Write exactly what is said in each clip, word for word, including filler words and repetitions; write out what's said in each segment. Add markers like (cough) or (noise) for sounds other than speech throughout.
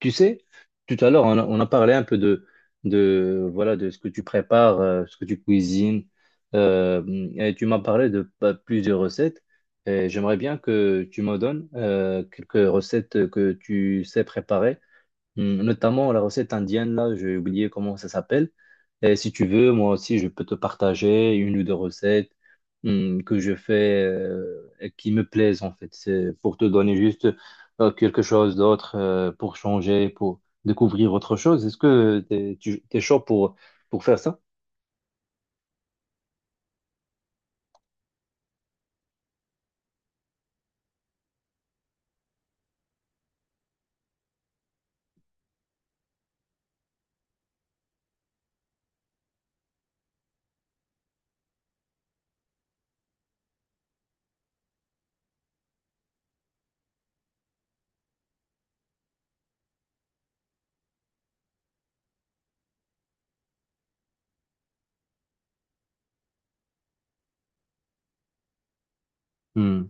Tu sais, tout à l'heure, on a, on a parlé un peu de, de, voilà, de ce que tu prépares, euh, ce que tu cuisines. Euh, et tu m'as parlé de pa- plusieurs recettes. Et j'aimerais bien que tu me donnes euh, quelques recettes que tu sais préparer. Hmm. Notamment la recette indienne, là, j'ai oublié comment ça s'appelle. Et si tu veux, moi aussi, je peux te partager une ou deux recettes hmm, que je fais euh, et qui me plaisent, en fait. C'est pour te donner juste euh, quelque chose d'autre, euh, pour changer, pour découvrir autre chose. Est-ce que t'es, tu es chaud pour, pour faire ça? Hmm.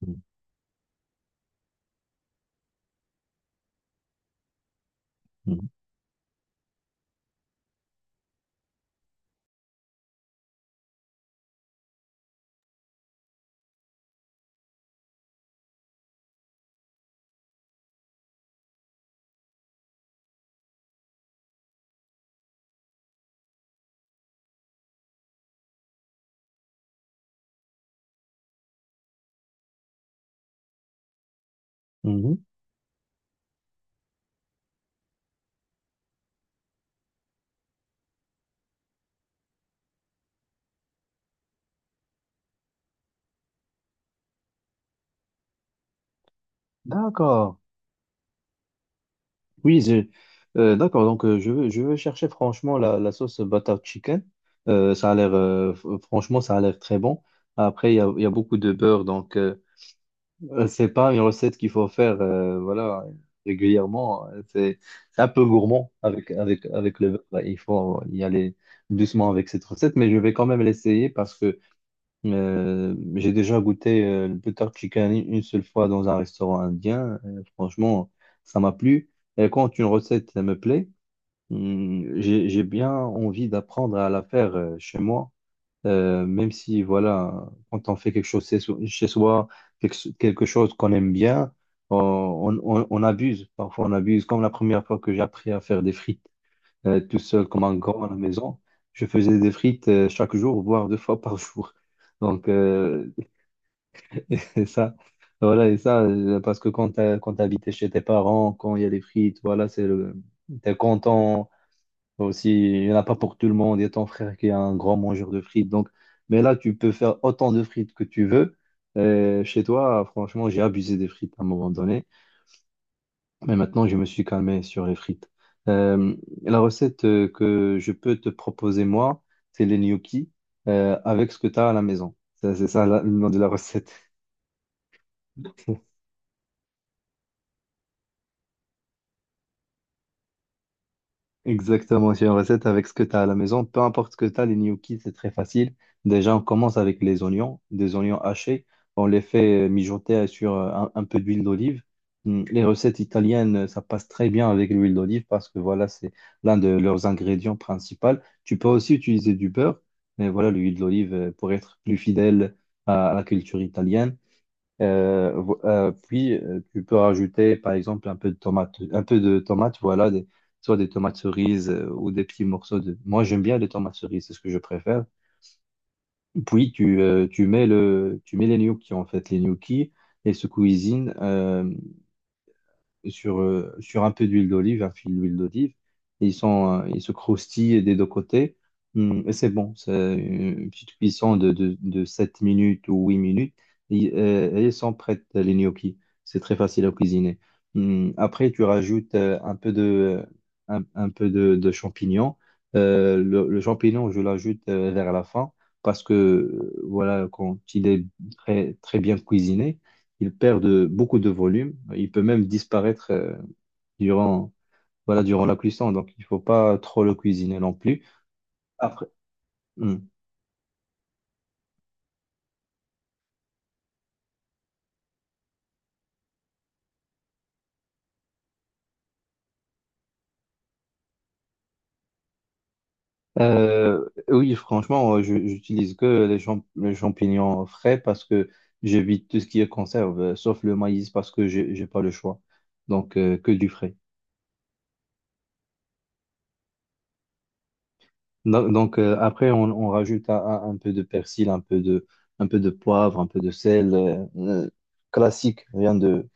Mhm. Mhm. D'accord. Oui, je- euh, d'accord. Donc, euh, je veux, je veux chercher franchement la, la sauce butter chicken. Euh, ça a l'air, euh, f- franchement, ça a l'air très bon. Après, il y a, il y a beaucoup de beurre, donc euh, euh, (laughs) c'est pas une recette qu'il faut faire, euh, voilà, régulièrement. C'est, c'est un peu gourmand avec, avec, avec le beurre. Il faut y aller doucement avec cette recette, mais je vais quand même l'essayer parce que Euh, j'ai déjà goûté euh, le butter chicken une seule fois dans un restaurant indien. Euh, franchement, ça m'a plu. Et quand une recette me plaît, hum, j'ai, j'ai bien envie d'apprendre à la faire euh, chez moi. Euh, même si, voilà, quand on fait quelque chose chez so- chez soi, quelque, quelque chose qu'on aime bien, on, on- on- on abuse. Parfois, on abuse. Comme la première fois que j'ai appris à faire des frites euh, tout seul comme un grand à la maison. Je faisais des frites euh, chaque jour, voire deux fois par (laughs) jour. Donc, euh, (laughs) et ça, voilà, et ça, euh, parce que quand t'as- quand t'habitais chez tes parents, quand il y a les frites, voilà, c'est le, t'es content. Aussi, il n'y en a pas pour tout le monde. Il y a ton frère qui est un grand mangeur de frites. Donc, mais là, tu peux faire autant de frites que tu veux. Euh, chez toi, franchement, j'ai abusé des frites à un moment donné. Mais maintenant, je me suis calmé sur les frites. Euh, la recette euh, que je peux te proposer, moi, c'est les gnocchis euh, avec ce que tu as à la maison. Ça, C'est ça la- le nom de la recette. (laughs) Exactement, c'est une recette avec ce que tu as à la maison. Peu importe ce que tu as, les gnocchis, c'est très facile. Déjà, on commence avec les oignons, des oignons hachés. On les fait euh, mijoter sur euh, un, un peu d'huile d'olive. Hum. Les recettes italiennes, euh, ça passe très bien avec l'huile d'olive parce que voilà, c'est l'un de leurs ingrédients principaux. Tu peux aussi utiliser du beurre, mais voilà, l'huile d'olive euh, pour être plus fidèle à à la culture italienne. Euh, vo- euh, puis euh, tu peux rajouter par exemple un peu de tomate, un peu de tomate, voilà, des- soit des tomates cerises euh, ou des petits morceaux de. Moi j'aime bien les tomates cerises, c'est ce que je préfère. Puis tu, euh, tu mets le, tu mets les gnocchis en fait, les gnocchis et se cuisinent. euh, sur, euh, sur un peu d'huile d'olive, un fil d'huile d'olive. Et ils sont, euh, ils se croustillent des deux côtés. Hum, et c'est bon. C'est une petite cuisson de, de, de sept minutes ou huit minutes. Et, euh, et ils sont prêtes, les gnocchis. C'est très facile à cuisiner. Hum, après, tu rajoutes euh, un peu de, un, un peu de, de champignons. Euh, le, le champignon, je l'ajoute euh, vers la fin parce que, euh, voilà, quand il est très, très bien cuisiné, il perd de, beaucoup de volume. Il peut même disparaître euh, durant, voilà, durant la cuisson. Donc, il faut pas trop le cuisiner non plus. Après, hmm. Euh, oui, franchement, euh, je- j'utilise que les, champ- les champignons frais parce que j'évite tout ce qui est conserve, euh, sauf le maïs parce que j'ai j'ai pas le choix. Donc, euh, que du frais. Donc, donc, euh, après, on, on rajoute un, un- un peu de persil, un peu de, un peu de poivre, un peu de sel, euh, euh, classique, rien de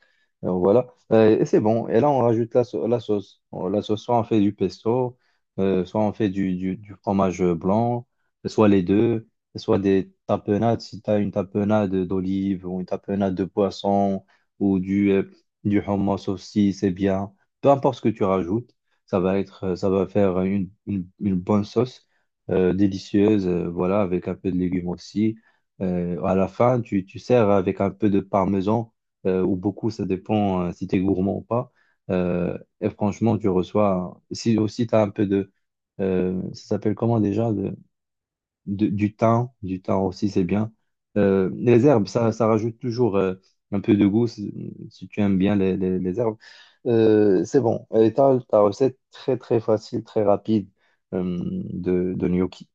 alors voilà. Euh, et c'est bon. Et là, on rajoute la, sau- la sauce. On- La sauce, soit on fait du pesto, euh, soit on fait du, du, du fromage blanc, soit les deux, soit des tapenades, si tu as une tapenade d'olive ou une tapenade de poisson ou du, euh, du hummus aussi, c'est bien. Peu importe ce que tu rajoutes, ça va être, ça va faire une, une, une bonne sauce euh, délicieuse, euh, voilà, avec un peu de légumes aussi. Euh, à la fin, tu, tu sers avec un peu de parmesan euh, ou beaucoup, ça dépend euh, si tu es gourmand ou pas. Euh, et franchement, tu reçois, si aussi tu as un peu de, euh, ça s'appelle comment déjà, de- de- du thym, du thym aussi, c'est bien. Euh, les herbes, ça, ça rajoute toujours euh, un peu de goût si, si tu aimes bien les, les- les herbes. Euh, c'est bon. Et t'as ta recette très très facile, très rapide euh, de, de gnocchi.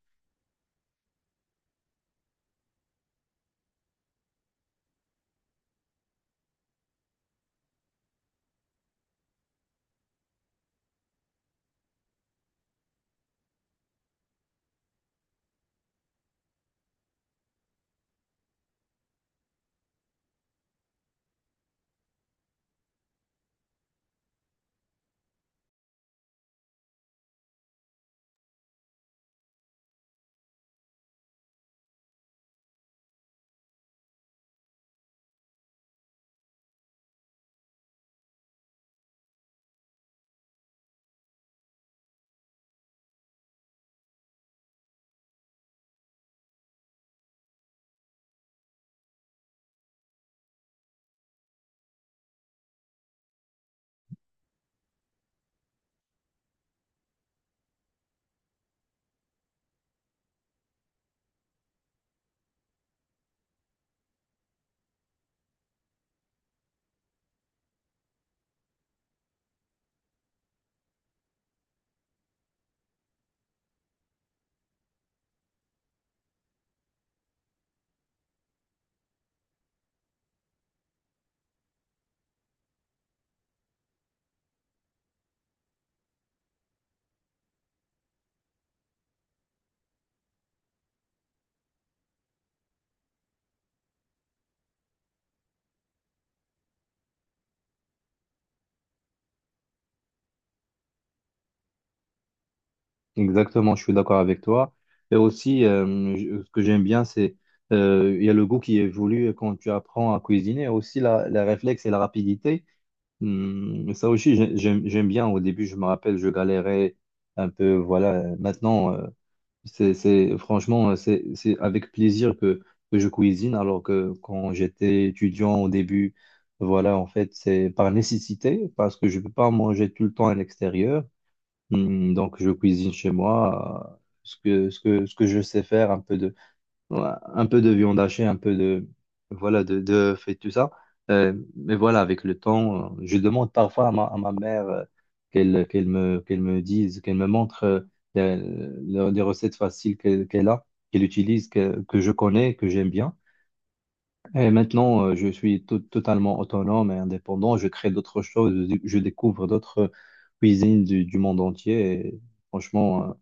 Exactement, je suis d'accord avec toi. Et aussi, euh, je- ce que j'aime bien, c'est euh, il y a le goût qui évolue quand tu apprends à cuisiner. Aussi, la, la réflexe et la rapidité. Hum, ça aussi, j'ai- j'aime, j'aime bien. Au début, je me rappelle, je galérais un peu. Voilà. Maintenant, euh, c'est, c'est, franchement, euh, c'est, c'est avec plaisir que, que je cuisine. Alors que quand j'étais étudiant au début, voilà, en fait, c'est par nécessité parce que je ne peux pas manger tout le temps à l'extérieur. Hmm. Donc, je cuisine chez moi euh, ce que, ce que, ce que je sais faire, un peu de, ouais, un peu de viande hachée, un peu de, voilà, de, de fait tout ça. Euh, mais voilà, avec le temps, euh, je demande parfois à ma, à ma mère euh, qu'elle, qu'elle me, qu'elle me dise, qu'elle me montre euh, les, les recettes faciles qu'elle, qu'elle a, qu'elle utilise, que, que je connais, que j'aime bien. Et maintenant, euh, je suis to- totalement autonome et indépendant. Je crée d'autres choses, je, je découvre d'autres euh, cuisines du, du monde entier. Et franchement, euh,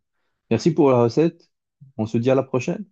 merci pour la recette. On se dit à la prochaine.